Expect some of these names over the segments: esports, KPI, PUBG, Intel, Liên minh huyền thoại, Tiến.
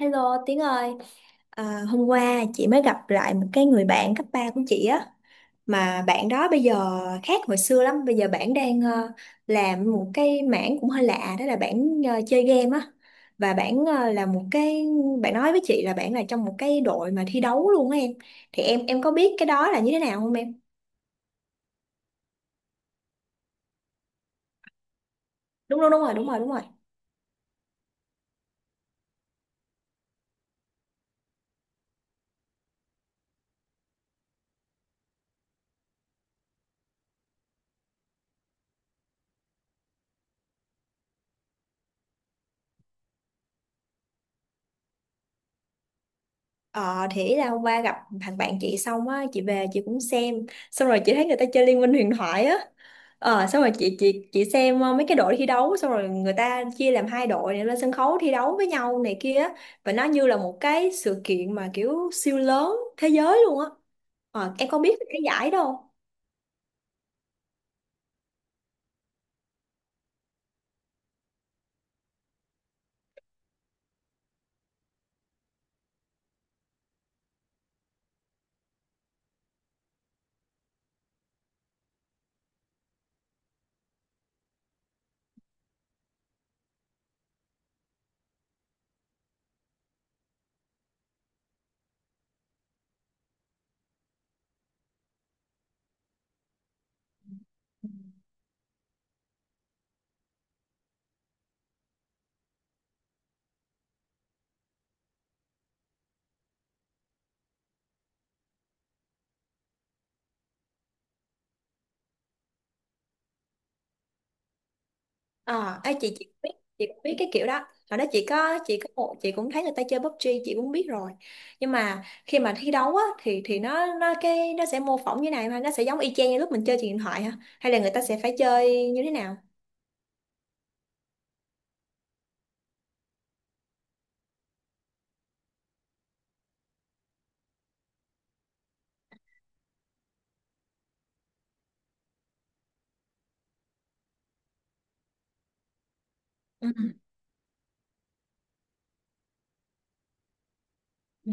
Hello Tiến ơi, hôm qua chị mới gặp lại một cái người bạn cấp 3 của chị á, mà bạn đó bây giờ khác hồi xưa lắm. Bây giờ bạn đang làm một cái mảng cũng hơi lạ, đó là bạn chơi game á, và bạn ờ, là một cái bạn nói với chị là bạn là trong một cái đội mà thi đấu luôn á em. Thì em có biết cái đó là như thế nào không em? Đúng đúng đúng rồi, đúng rồi, đúng rồi. Ờ thì là hôm qua gặp thằng bạn chị xong á, chị về chị cũng xem, xong rồi chị thấy người ta chơi Liên minh huyền thoại á, ờ xong rồi chị xem mấy cái đội thi đấu, xong rồi người ta chia làm hai đội để lên sân khấu thi đấu với nhau này kia á, và nó như là một cái sự kiện mà kiểu siêu lớn thế giới luôn á. Ờ em có biết cái giải đâu. Chị biết, chị cũng biết cái kiểu đó, hồi đó chị có một chị cũng thấy người ta chơi PUBG, chị cũng biết rồi. Nhưng mà khi mà thi đấu á thì nó sẽ mô phỏng như này, mà nó sẽ giống y chang như lúc mình chơi trên điện thoại hả, hay là người ta sẽ phải chơi như thế nào? Ừ. Ừ.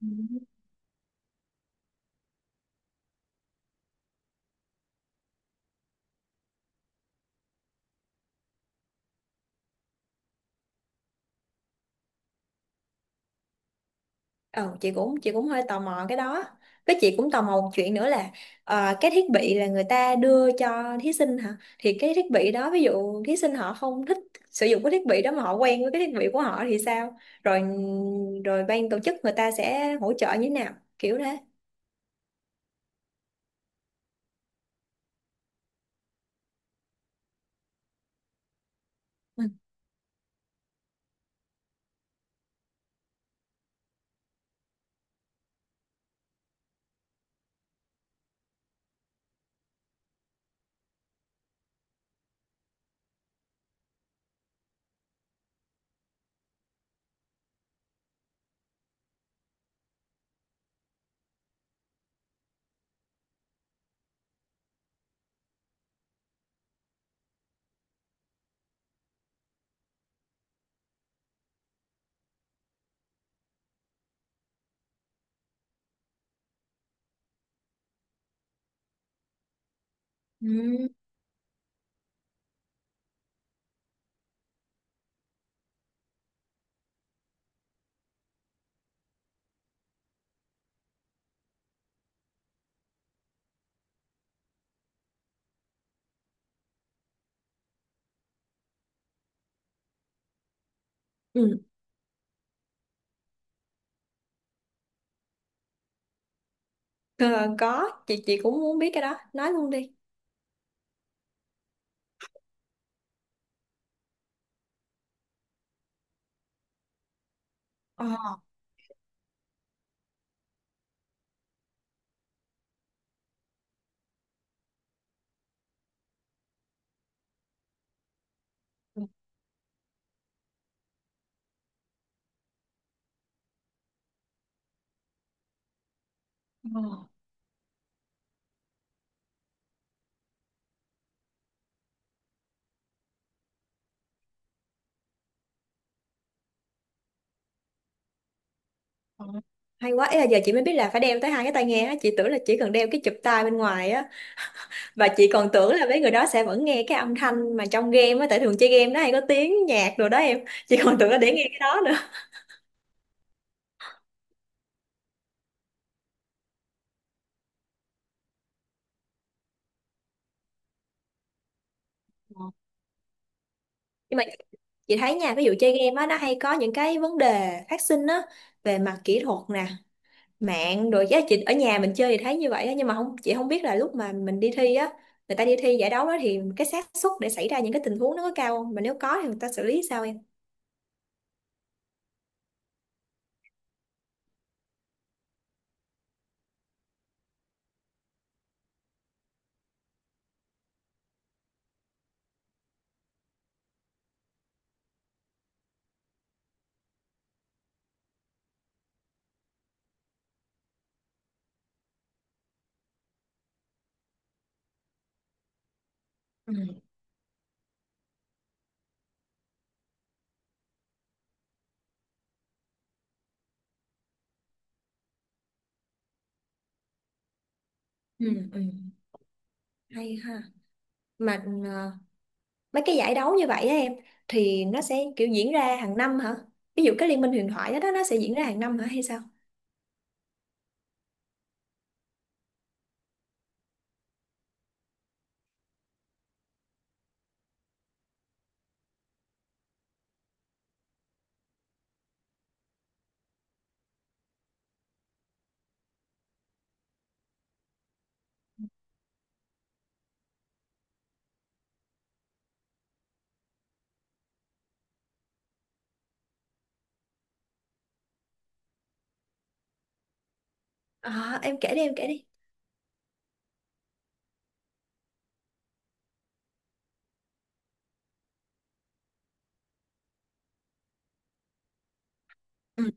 Ừ. Ờ, chị cũng hơi tò mò cái đó, với chị cũng tò mò một chuyện nữa là cái thiết bị là người ta đưa cho thí sinh hả, thì cái thiết bị đó, ví dụ thí sinh họ không thích sử dụng cái thiết bị đó mà họ quen với cái thiết bị của họ thì sao? Rồi rồi ban tổ chức người ta sẽ hỗ trợ như thế nào, kiểu thế. Ừ. Ừ. Ừ. Ờ, có, chị cũng muốn biết cái đó, nói luôn đi. Ờ. Ờ. Hay quá, ý là giờ chị mới biết là phải đeo tới hai cái tai nghe á, chị tưởng là chỉ cần đeo cái chụp tai bên ngoài á, và chị còn tưởng là mấy người đó sẽ vẫn nghe cái âm thanh mà trong game á, tại thường chơi game nó hay có tiếng nhạc rồi đó em. Chị còn tưởng là để nghe cái đó nữa. Ờ. Nhưng mà chị thấy nha, ví dụ chơi game á nó hay có những cái vấn đề phát sinh á, về mặt kỹ thuật nè, mạng rồi giá chị ở nhà mình chơi thì thấy như vậy á. Nhưng mà không, chị không biết là lúc mà mình đi thi á, người ta đi thi giải đấu đó, thì cái xác suất để xảy ra những cái tình huống nó có cao không, mà nếu có thì người ta xử lý sao em? Ừ. Ừ, ừ. Hay ha. Mà mấy cái giải đấu như vậy á em, thì nó sẽ kiểu diễn ra hàng năm hả? Ví dụ cái liên minh huyền thoại đó, đó nó sẽ diễn ra hàng năm hả hay sao? Em kể đi, em kể đi. Ừ,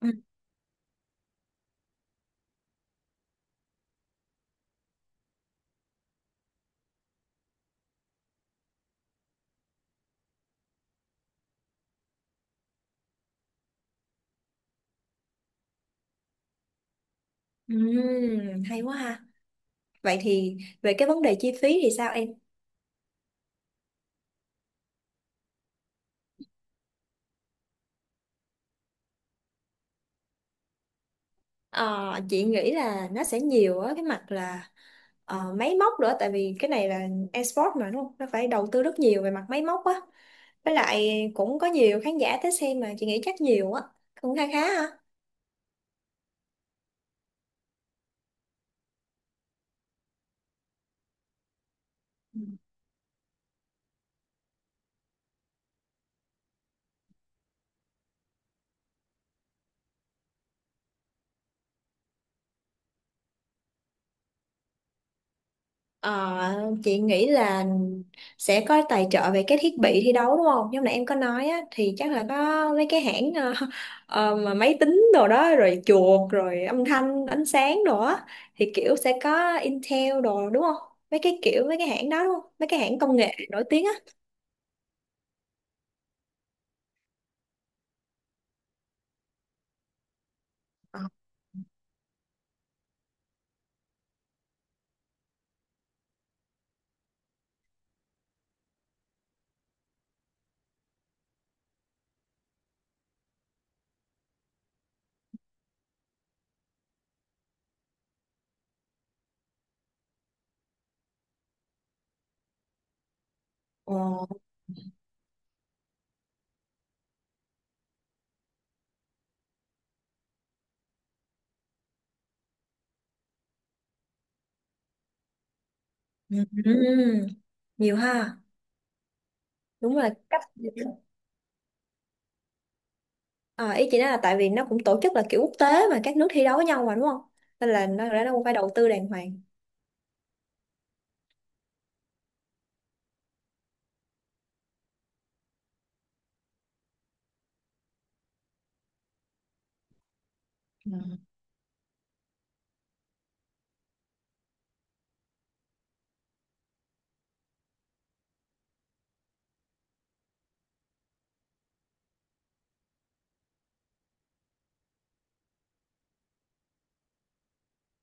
ừ. Hay quá ha. Vậy thì về cái vấn đề chi phí thì sao em? Ờ, chị nghĩ là nó sẽ nhiều á, cái mặt là máy móc nữa, tại vì cái này là esports mà đúng không, nó phải đầu tư rất nhiều về mặt máy móc á, với lại cũng có nhiều khán giả tới xem mà, chị nghĩ chắc nhiều á, cũng khá khá ha. Ờ, chị nghĩ là sẽ có tài trợ về cái thiết bị thi đấu đúng không? Như nãy em có nói á, thì chắc là có mấy cái hãng mà máy tính đồ đó, rồi chuột rồi âm thanh ánh sáng đồ á, thì kiểu sẽ có Intel đồ đúng không? Mấy cái kiểu mấy cái hãng đó đúng không? Mấy cái hãng công nghệ nổi tiếng á. Ờ. Ồ. Ừm. Nhiều ha. Đúng là cách. Ờ, ý chị nói là tại vì nó cũng tổ chức là kiểu quốc tế, mà các nước thi đấu với nhau mà đúng không? Nên là nó cũng phải đầu tư đàng hoàng.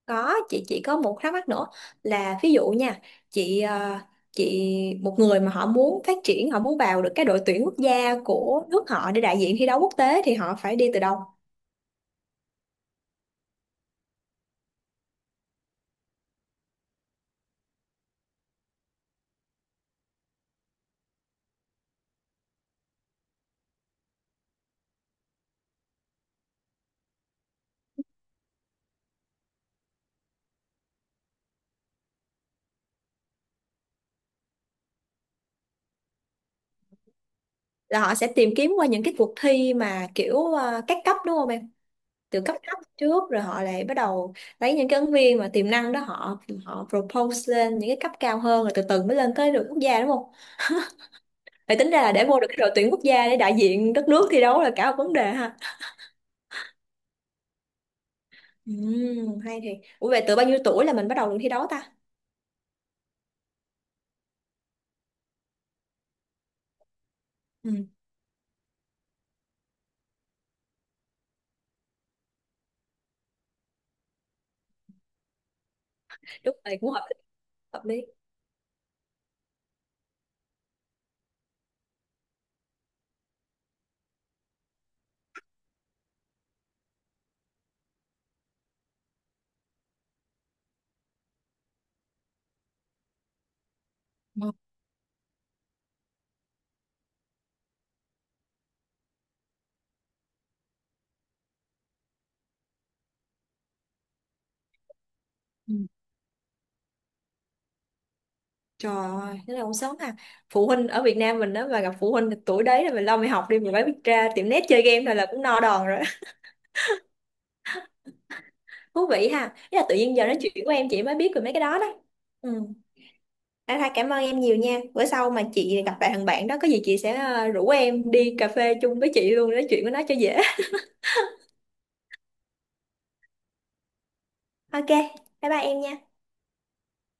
Có, chị chỉ có một thắc mắc nữa là ví dụ nha, chị ờ, chị một người mà họ muốn phát triển, họ muốn vào được cái đội tuyển quốc gia của nước họ để đại diện thi đấu quốc tế thì họ phải đi từ đâu? Là họ sẽ tìm kiếm qua những cái cuộc thi mà kiểu các cấp đúng không em? Từ cấp thấp trước rồi họ lại bắt đầu lấy những cái ứng viên mà tiềm năng đó, họ họ propose lên những cái cấp cao hơn, rồi từ từ mới lên tới đội quốc gia đúng không? Vậy tính ra là để vô được cái đội tuyển quốc gia để đại diện đất nước thi đấu là cả một vấn đề ha. Ừ, hay thì. Ủa vậy từ bao nhiêu tuổi là mình bắt đầu được thi đấu ta? Ừ, đúng rồi, cũng hợp lý, hợp lý. Ừ. Ừ. Trời ơi, thế là cũng sớm à. Phụ huynh ở Việt Nam mình đó mà gặp phụ huynh tuổi đấy là mình lo mày học đi, mình mới biết ra tiệm net chơi game thôi là cũng no đòn rồi. Thú vị ha. Thế là tự nhiên giờ nói chuyện của em chị mới biết về mấy cái đó đó. Ừ. À, thôi cảm ơn em nhiều nha. Bữa sau mà chị gặp lại thằng bạn đó có gì chị sẽ rủ em đi cà phê chung với chị luôn, nói chuyện với nó cho dễ. Ok, bye bye em nha.